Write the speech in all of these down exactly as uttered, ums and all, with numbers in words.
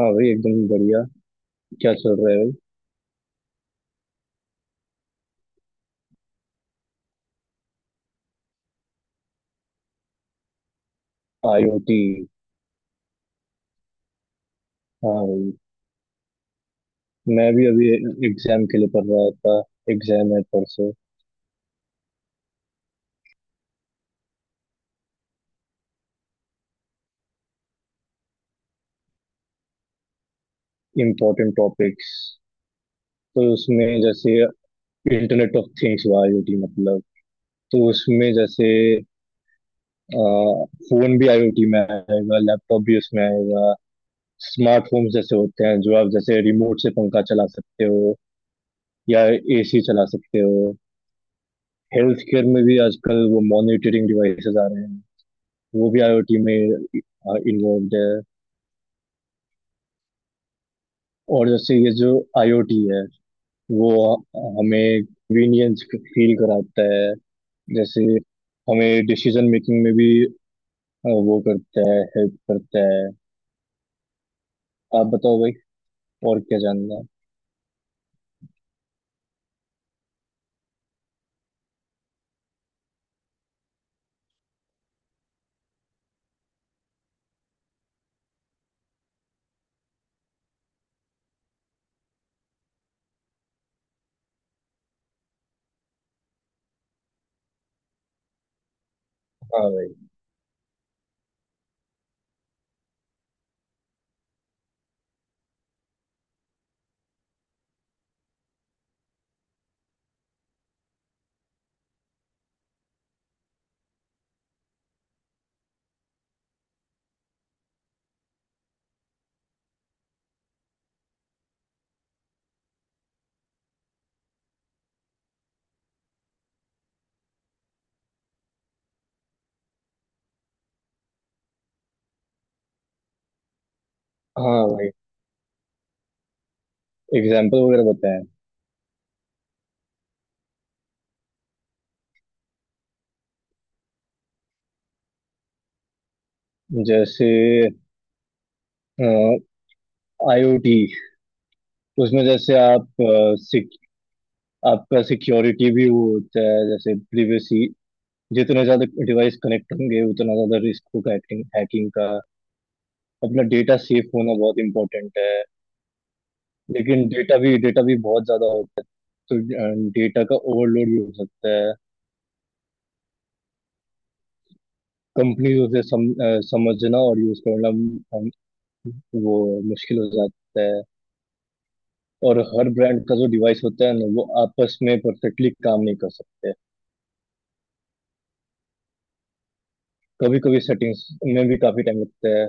हाँ भाई, एकदम बढ़िया। क्या चल रहा है। भाई आईओटी। हाँ भाई, मैं भी अभी एग्जाम के लिए पढ़ रहा था। एग्जाम है परसों। इम्पोर्टेंट टॉपिक्स, तो उसमें जैसे इंटरनेट ऑफ थिंग्स हुआ आईओटी मतलब। तो उसमें जैसे फोन भी आईओटी में आएगा, लैपटॉप भी उसमें आएगा। स्मार्ट होम्स जैसे होते हैं जो आप जैसे रिमोट से पंखा चला सकते हो या एसी चला सकते हो। हेल्थ केयर में भी आजकल वो मॉनिटरिंग डिवाइसेस आ रहे हैं, वो भी आईओटी में इन्वॉल्व है। और जैसे ये जो आईओटी है वो हमें कन्वीनियंस फील कराता है। जैसे हमें डिसीजन मेकिंग में भी अ, वो करता है, हेल्प करता है। आप बताओ भाई, और क्या जानना है। हाँ भाई। हाँ भाई, एग्जाम्पल वगैरह बताएं। जैसे आईओटी, उसमें जैसे आप अ, सिक, आपका सिक्योरिटी भी वो होता है, जैसे प्रिवेसी। जितने ज्यादा डिवाइस कनेक्ट होंगे उतना ज्यादा रिस्क होगा हैकिंग हैकिंग का। अपना डेटा सेफ होना बहुत इंपॉर्टेंट है। लेकिन डेटा भी डेटा भी बहुत ज्यादा होता है। तो डेटा का ओवरलोड भी हो सकता है। कंपनी उसे सम, अ, समझना और यूज करना, अम, वो मुश्किल हो जाता है। और हर ब्रांड का जो डिवाइस होता है ना वो आपस में परफेक्टली काम नहीं कर सकते। कभी कभी सेटिंग्स में भी काफी टाइम लगता है।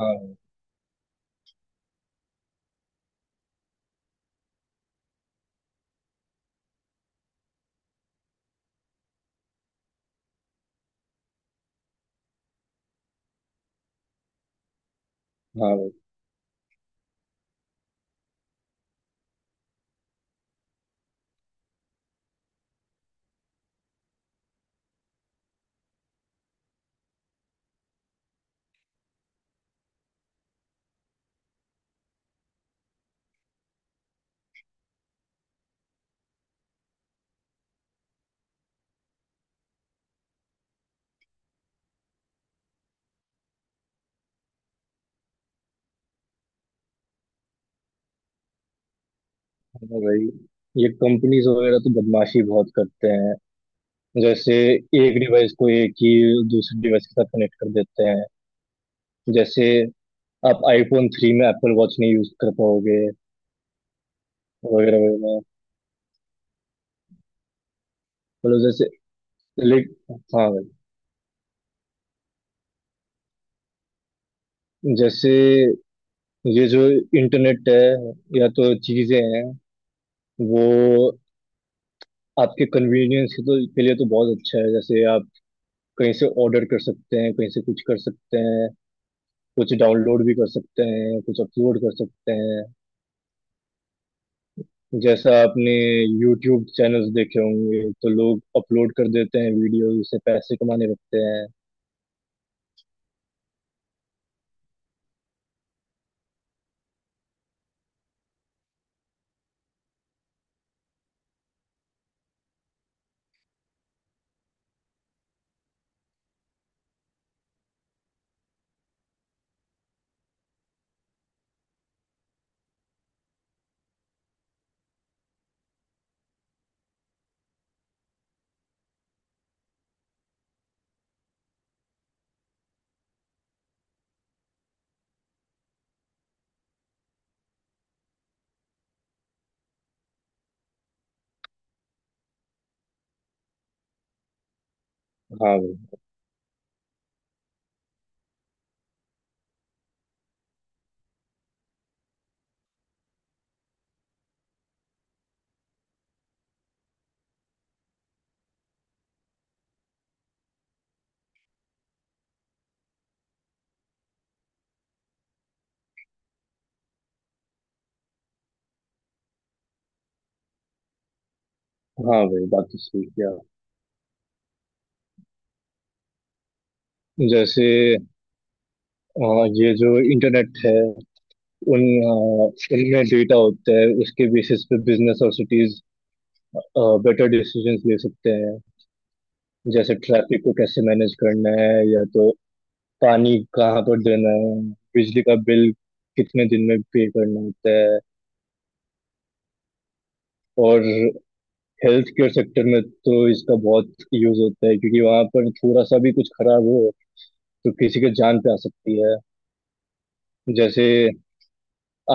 हाँ। हाँ भाई। हाँ भाई, ये कंपनीज वगैरह तो बदमाशी बहुत करते हैं। जैसे एक डिवाइस को एक ही दूसरे डिवाइस के साथ कनेक्ट कर देते हैं। जैसे आप आईफोन थ्री में एप्पल वॉच नहीं यूज कर पाओगे, वगैरह वगैरह। मतलब जैसे लेक हाँ भाई। जैसे ये जो इंटरनेट है या तो चीजें हैं, वो आपके कन्वीनियंस तो, के लिए तो बहुत अच्छा है। जैसे आप कहीं से ऑर्डर कर सकते हैं, कहीं से कुछ कर सकते हैं, कुछ डाउनलोड भी कर सकते हैं, कुछ अपलोड कर सकते हैं। जैसा आपने यूट्यूब चैनल्स देखे होंगे तो लोग अपलोड कर देते हैं, वीडियो से पैसे कमाने लगते हैं। हाँ भाई। हाँ भाई, बात तो सही किया। जैसे अ, ये जो इंटरनेट है, उन अ, उनमें डेटा होता है, उसके बेसिस पे बिजनेस और सिटीज बेटर डिसीजंस ले सकते हैं। जैसे ट्रैफिक को कैसे मैनेज करना है, या तो पानी कहाँ पर देना है, बिजली का बिल कितने दिन में पे करना होता है। और हेल्थ केयर सेक्टर में तो इसका बहुत यूज होता है, क्योंकि वहां पर थोड़ा सा भी कुछ खराब हो तो किसी के जान पे आ सकती है। जैसे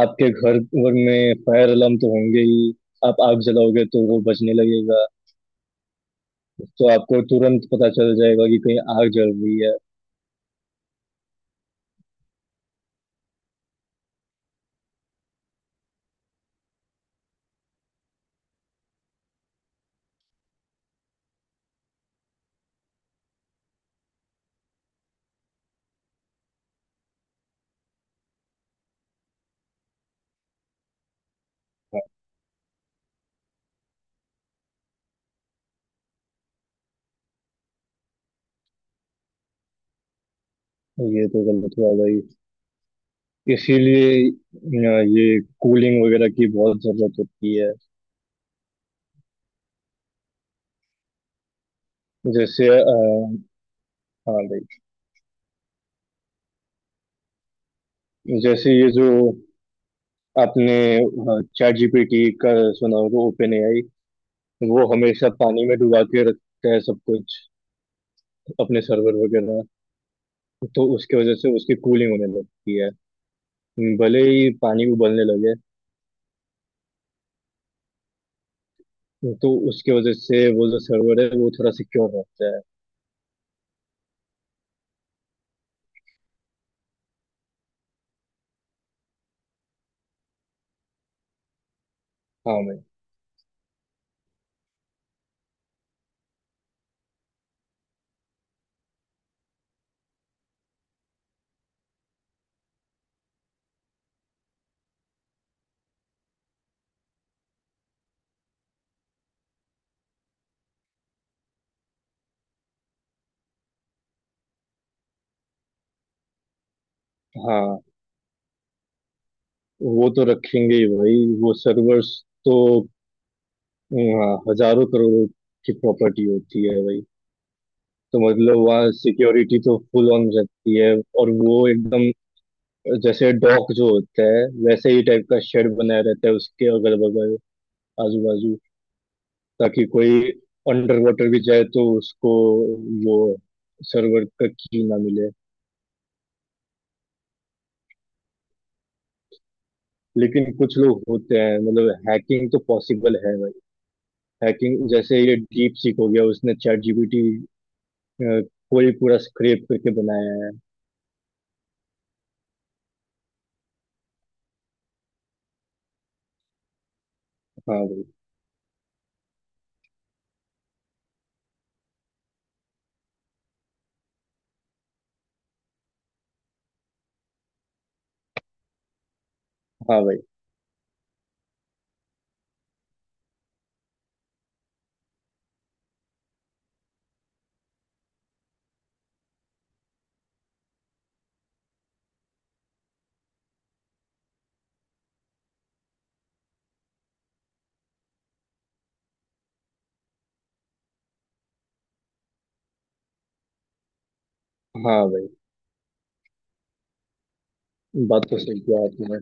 आपके घर घर में फायर अलार्म तो होंगे ही। आप आग जलाओगे तो वो बचने लगेगा। तो आपको तुरंत पता चल जाएगा कि कहीं आग जल रही है। ये तो गलत हुआ भाई। इसीलिए अ, ये कूलिंग वगैरह की बहुत जरूरत होती है। जैसे अ, हाँ भाई। जैसे ये जो आपने चैट जीपीटी का सुना होगा, ओपन एआई, वो हमेशा पानी में डुबा के रखता है सब कुछ, अपने सर्वर वगैरह। तो उसके वजह से उसकी कूलिंग होने लगती है, भले ही पानी उबलने लगे। तो उसके वजह से वो जो सर्वर है वो थोड़ा सिक्योर रहता है। हाँ मैं हाँ, वो तो रखेंगे ही भाई वो सर्वर्स। तो हाँ, हजारों करोड़ों की प्रॉपर्टी होती है भाई। तो मतलब वहाँ सिक्योरिटी तो फुल ऑन रहती है। और वो एकदम जैसे डॉक जो होता है वैसे ही टाइप का शेड बनाया रहता है उसके अगल बगल, आजू बाजू। ताकि कोई अंडर वाटर भी जाए तो उसको वो सर्वर का की ना मिले। लेकिन कुछ लोग होते हैं, मतलब हैकिंग तो पॉसिबल है भाई। हैकिंग जैसे ये डीप सीक हो गया, उसने चैट जीपीटी को ही पूरा स्क्रैप करके बनाया है। हाँ भाई। हाँ भाई। हाँ भाई, बात तो सही किया आपने।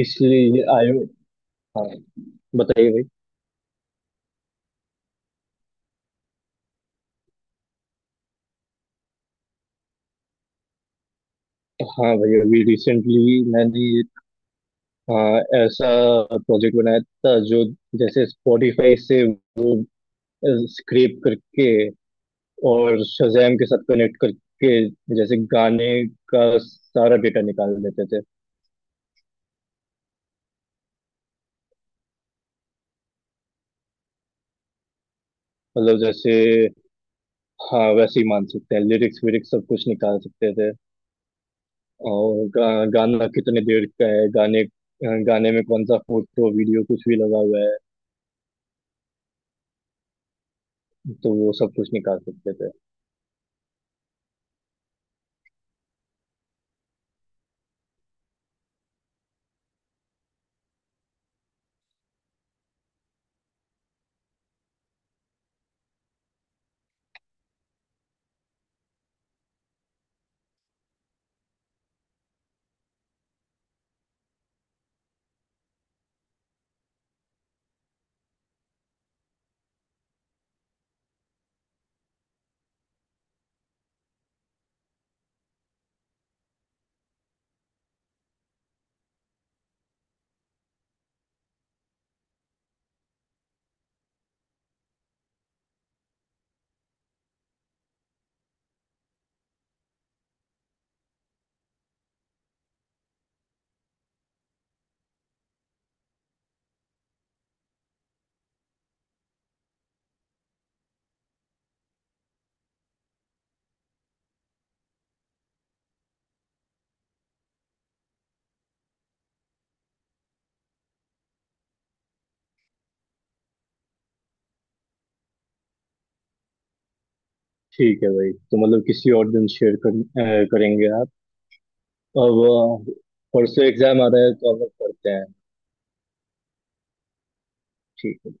इसलिए ये आयो हाँ, बताइए भाई। हाँ भैया, अभी रिसेंटली मैंने आ, ऐसा प्रोजेक्ट बनाया था जो जैसे स्पॉटिफाई से वो स्क्रैप करके और शज़ैम के साथ कनेक्ट करके जैसे गाने का सारा डेटा निकाल लेते थे। मतलब जैसे, हाँ, वैसे ही मान सकते हैं, लिरिक्स विरिक्स सब कुछ निकाल सकते थे। और गा, गाना कितने देर का है, गाने गाने में कौन सा फोटो वीडियो कुछ भी लगा हुआ है, तो वो सब कुछ निकाल सकते थे। ठीक है भाई, तो मतलब किसी और दिन शेयर कर, अ, करेंगे आप। अब अ, परसों एग्जाम आ रहा है तो अब करते हैं। ठीक है।